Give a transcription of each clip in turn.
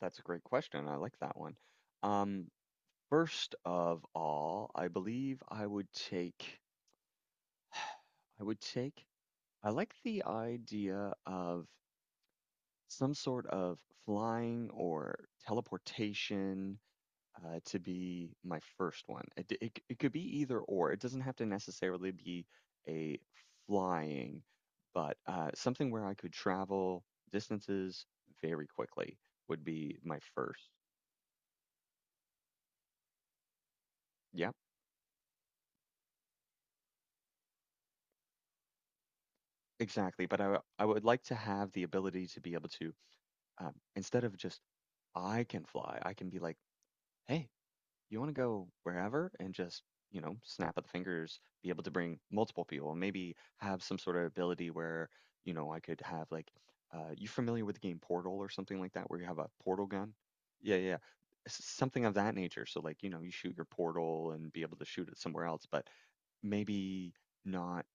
That's a great question. I like that one. Um, First of all, I believe I would take, I like the idea of some sort of flying or teleportation, to be my first one. It could be either or. It doesn't have to necessarily be a flying, but something where I could travel distances very quickly would be my first. Yeah. Exactly, but I would like to have the ability to be able to, instead of just I can fly, I can be like, hey, you want to go wherever and just snap of the fingers, be able to bring multiple people, and maybe have some sort of ability where I could have like, you familiar with the game Portal or something like that, where you have a portal gun? Yeah, yeah, yeah. Something of that nature. So like you shoot your portal and be able to shoot it somewhere else, but maybe not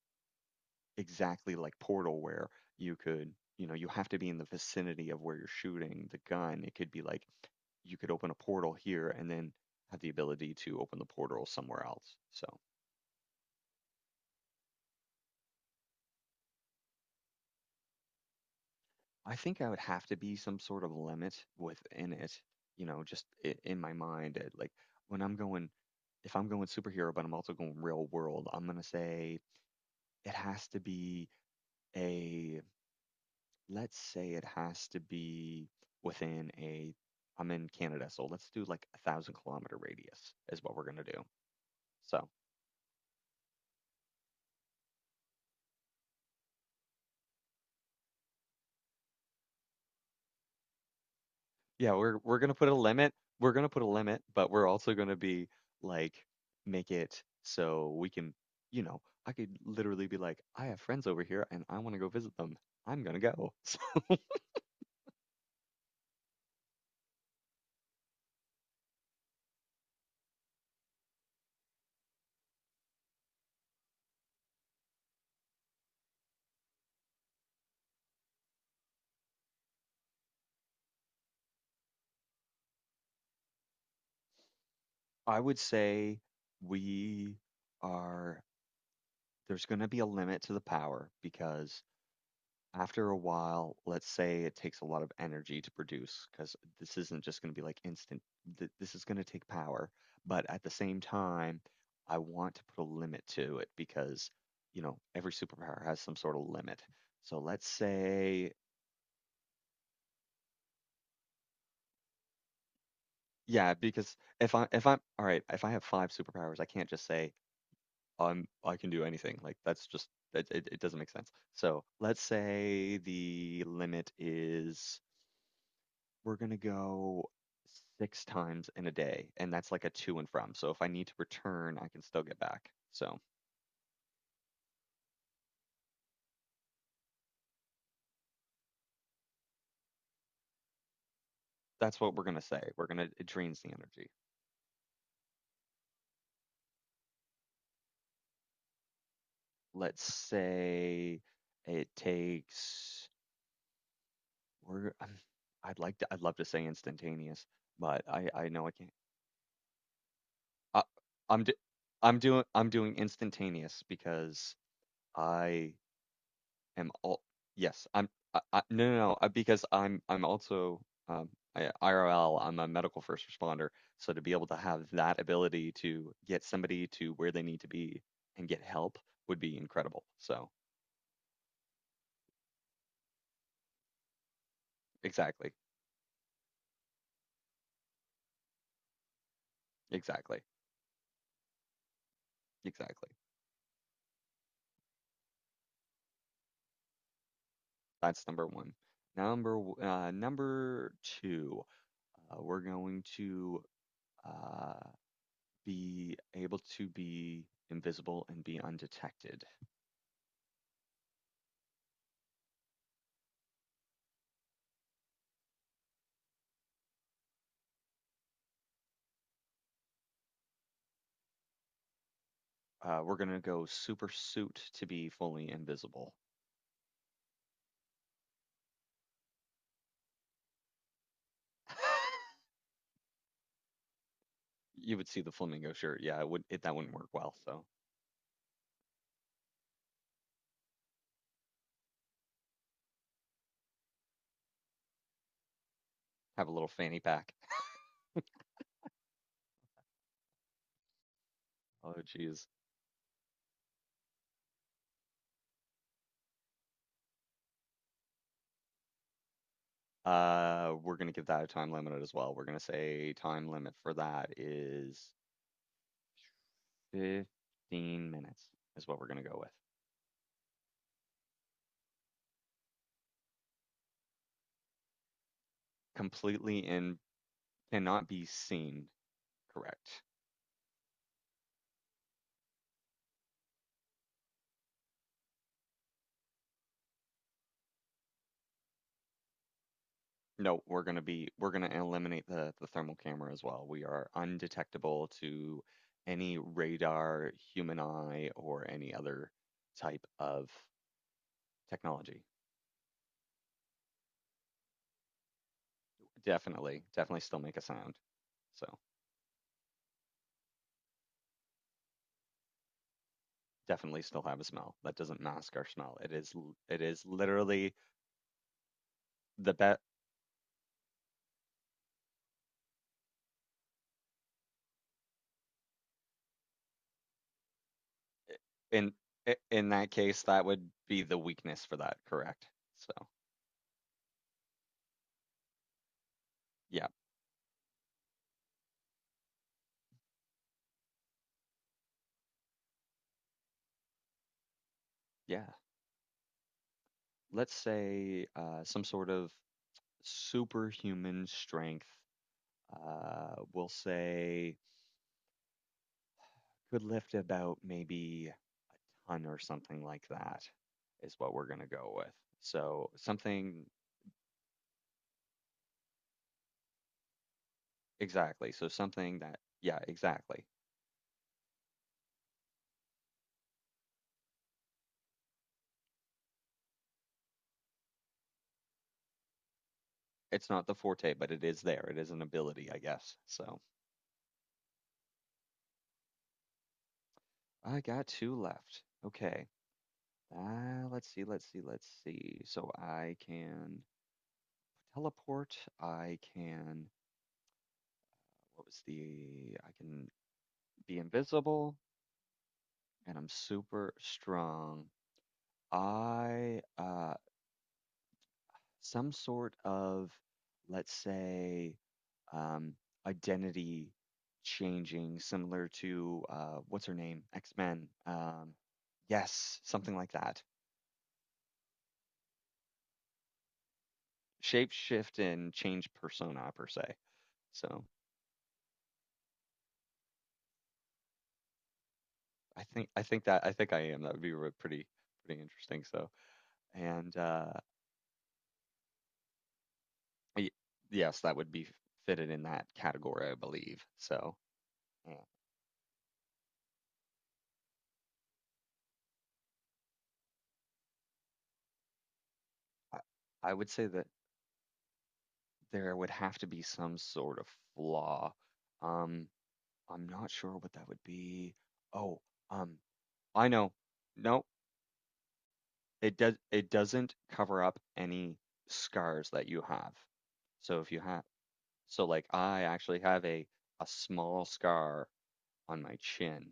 exactly like Portal where you could, you have to be in the vicinity of where you're shooting the gun. It could be like you could open a portal here and then have the ability to open the portal somewhere else. So I think I would have to be some sort of limit within it, just I in my mind. It, like When I'm going, if I'm going superhero, but I'm also going real world, I'm gonna say it has to be a, let's say it has to be within a, I'm in Canada, so let's do like 1,000 kilometer radius is what we're gonna do. So yeah, we're gonna put a limit. We're gonna put a limit, but we're also gonna be like make it so we can, you know, I could literally be like, I have friends over here and I want to go visit them. I'm gonna go. I would say we are there's gonna be a limit to the power because after a while, let's say it takes a lot of energy to produce because this isn't just going to be like instant. This is going to take power. But at the same time, I want to put a limit to it because, every superpower has some sort of limit. So let's say, yeah, because if I'm all right, if I have five superpowers, I can't just say I can do anything. Like that's just it doesn't make sense. So let's say the limit is we're gonna go six times in a day, and that's like a to and from. So if I need to return, I can still get back. So that's what we're gonna say. We're gonna it drains the energy. Let's say it takes. We're. I'd like to. I'd love to say instantaneous, but I know I can't. I, I'm. Do, I'm doing. I'm doing instantaneous because I am all. Yes, no, no, no, because I'm also, um IRL, I'm a medical first responder, so to be able to have that ability to get somebody to where they need to be and get help would be incredible. So exactly, exactly, exactly. That's number one. Number two, we're going to uh, be able to be invisible and be undetected. We're gonna go super suit to be fully invisible. You would see the flamingo shirt. Yeah, that wouldn't work well. So have a little fanny pack. Oh jeez. We're gonna give that a time limit as well. We're gonna say time limit for that is 15 minutes is what we're gonna go with. Completely in cannot be seen. Correct. No, we're gonna be we're gonna eliminate the thermal camera as well. We are undetectable to any radar, human eye, or any other type of technology. Definitely, definitely still make a sound. So definitely still have a smell. That doesn't mask our smell. It is literally the bet in in that case, that would be the weakness for that, correct? So yeah, yeah. Let's say some sort of superhuman strength. We'll say could lift about maybe a ton or something like that is what we're going to go with. So something Exactly. So something that yeah, exactly. It's not the forte, but it is there. It is an ability, I guess. So I got two left. Okay. Let's see. So I can teleport. I can, what was the, I can be invisible, and I'm super strong. I Some sort of, let's say, um, identity changing, similar to what's her name, X-Men. Yes, something like that. Shape shift and change persona per se. So I think I am. That would be pretty interesting. So, and y- yes, that would be fitted in that category, I believe. So yeah, I, I would say that. There would have to be some sort of flaw. Um, I'm not sure what that would be. Oh, um, I know. No, it doesn't cover up any scars that you have. So if you have, so like I actually have a small scar on my chin,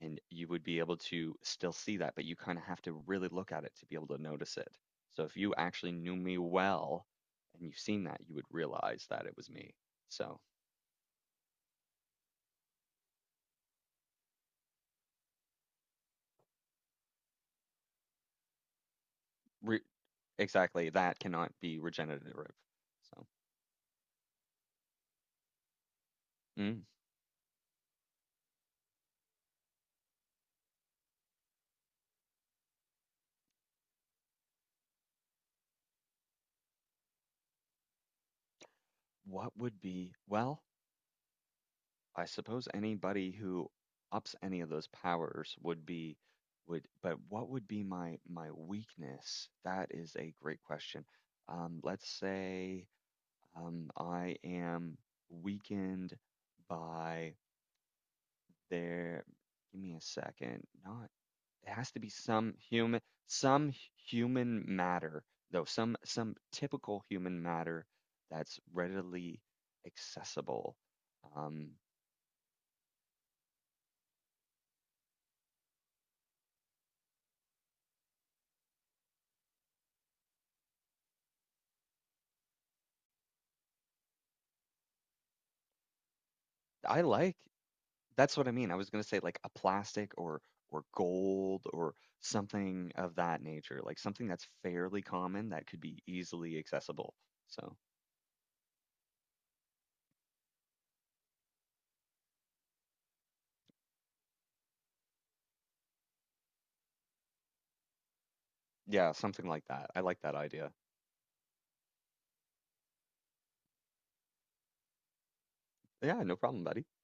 and you would be able to still see that, but you kind of have to really look at it to be able to notice it. So if you actually knew me well and you've seen that, you would realize that it was me. So Re- exactly, that cannot be regenerative. So, mm, what would be, well, I suppose anybody who ups any of those powers would be, would, but what would be my weakness? That is a great question. Let's say, I am weakened by there. Give me a second. Not, it has to be some human matter, though some typical human matter that's readily accessible. Um I like That's what I mean. I was going to say like a plastic, or gold, or something of that nature, like something that's fairly common that could be easily accessible. So yeah, something like that. I like that idea. Yeah, no problem, buddy.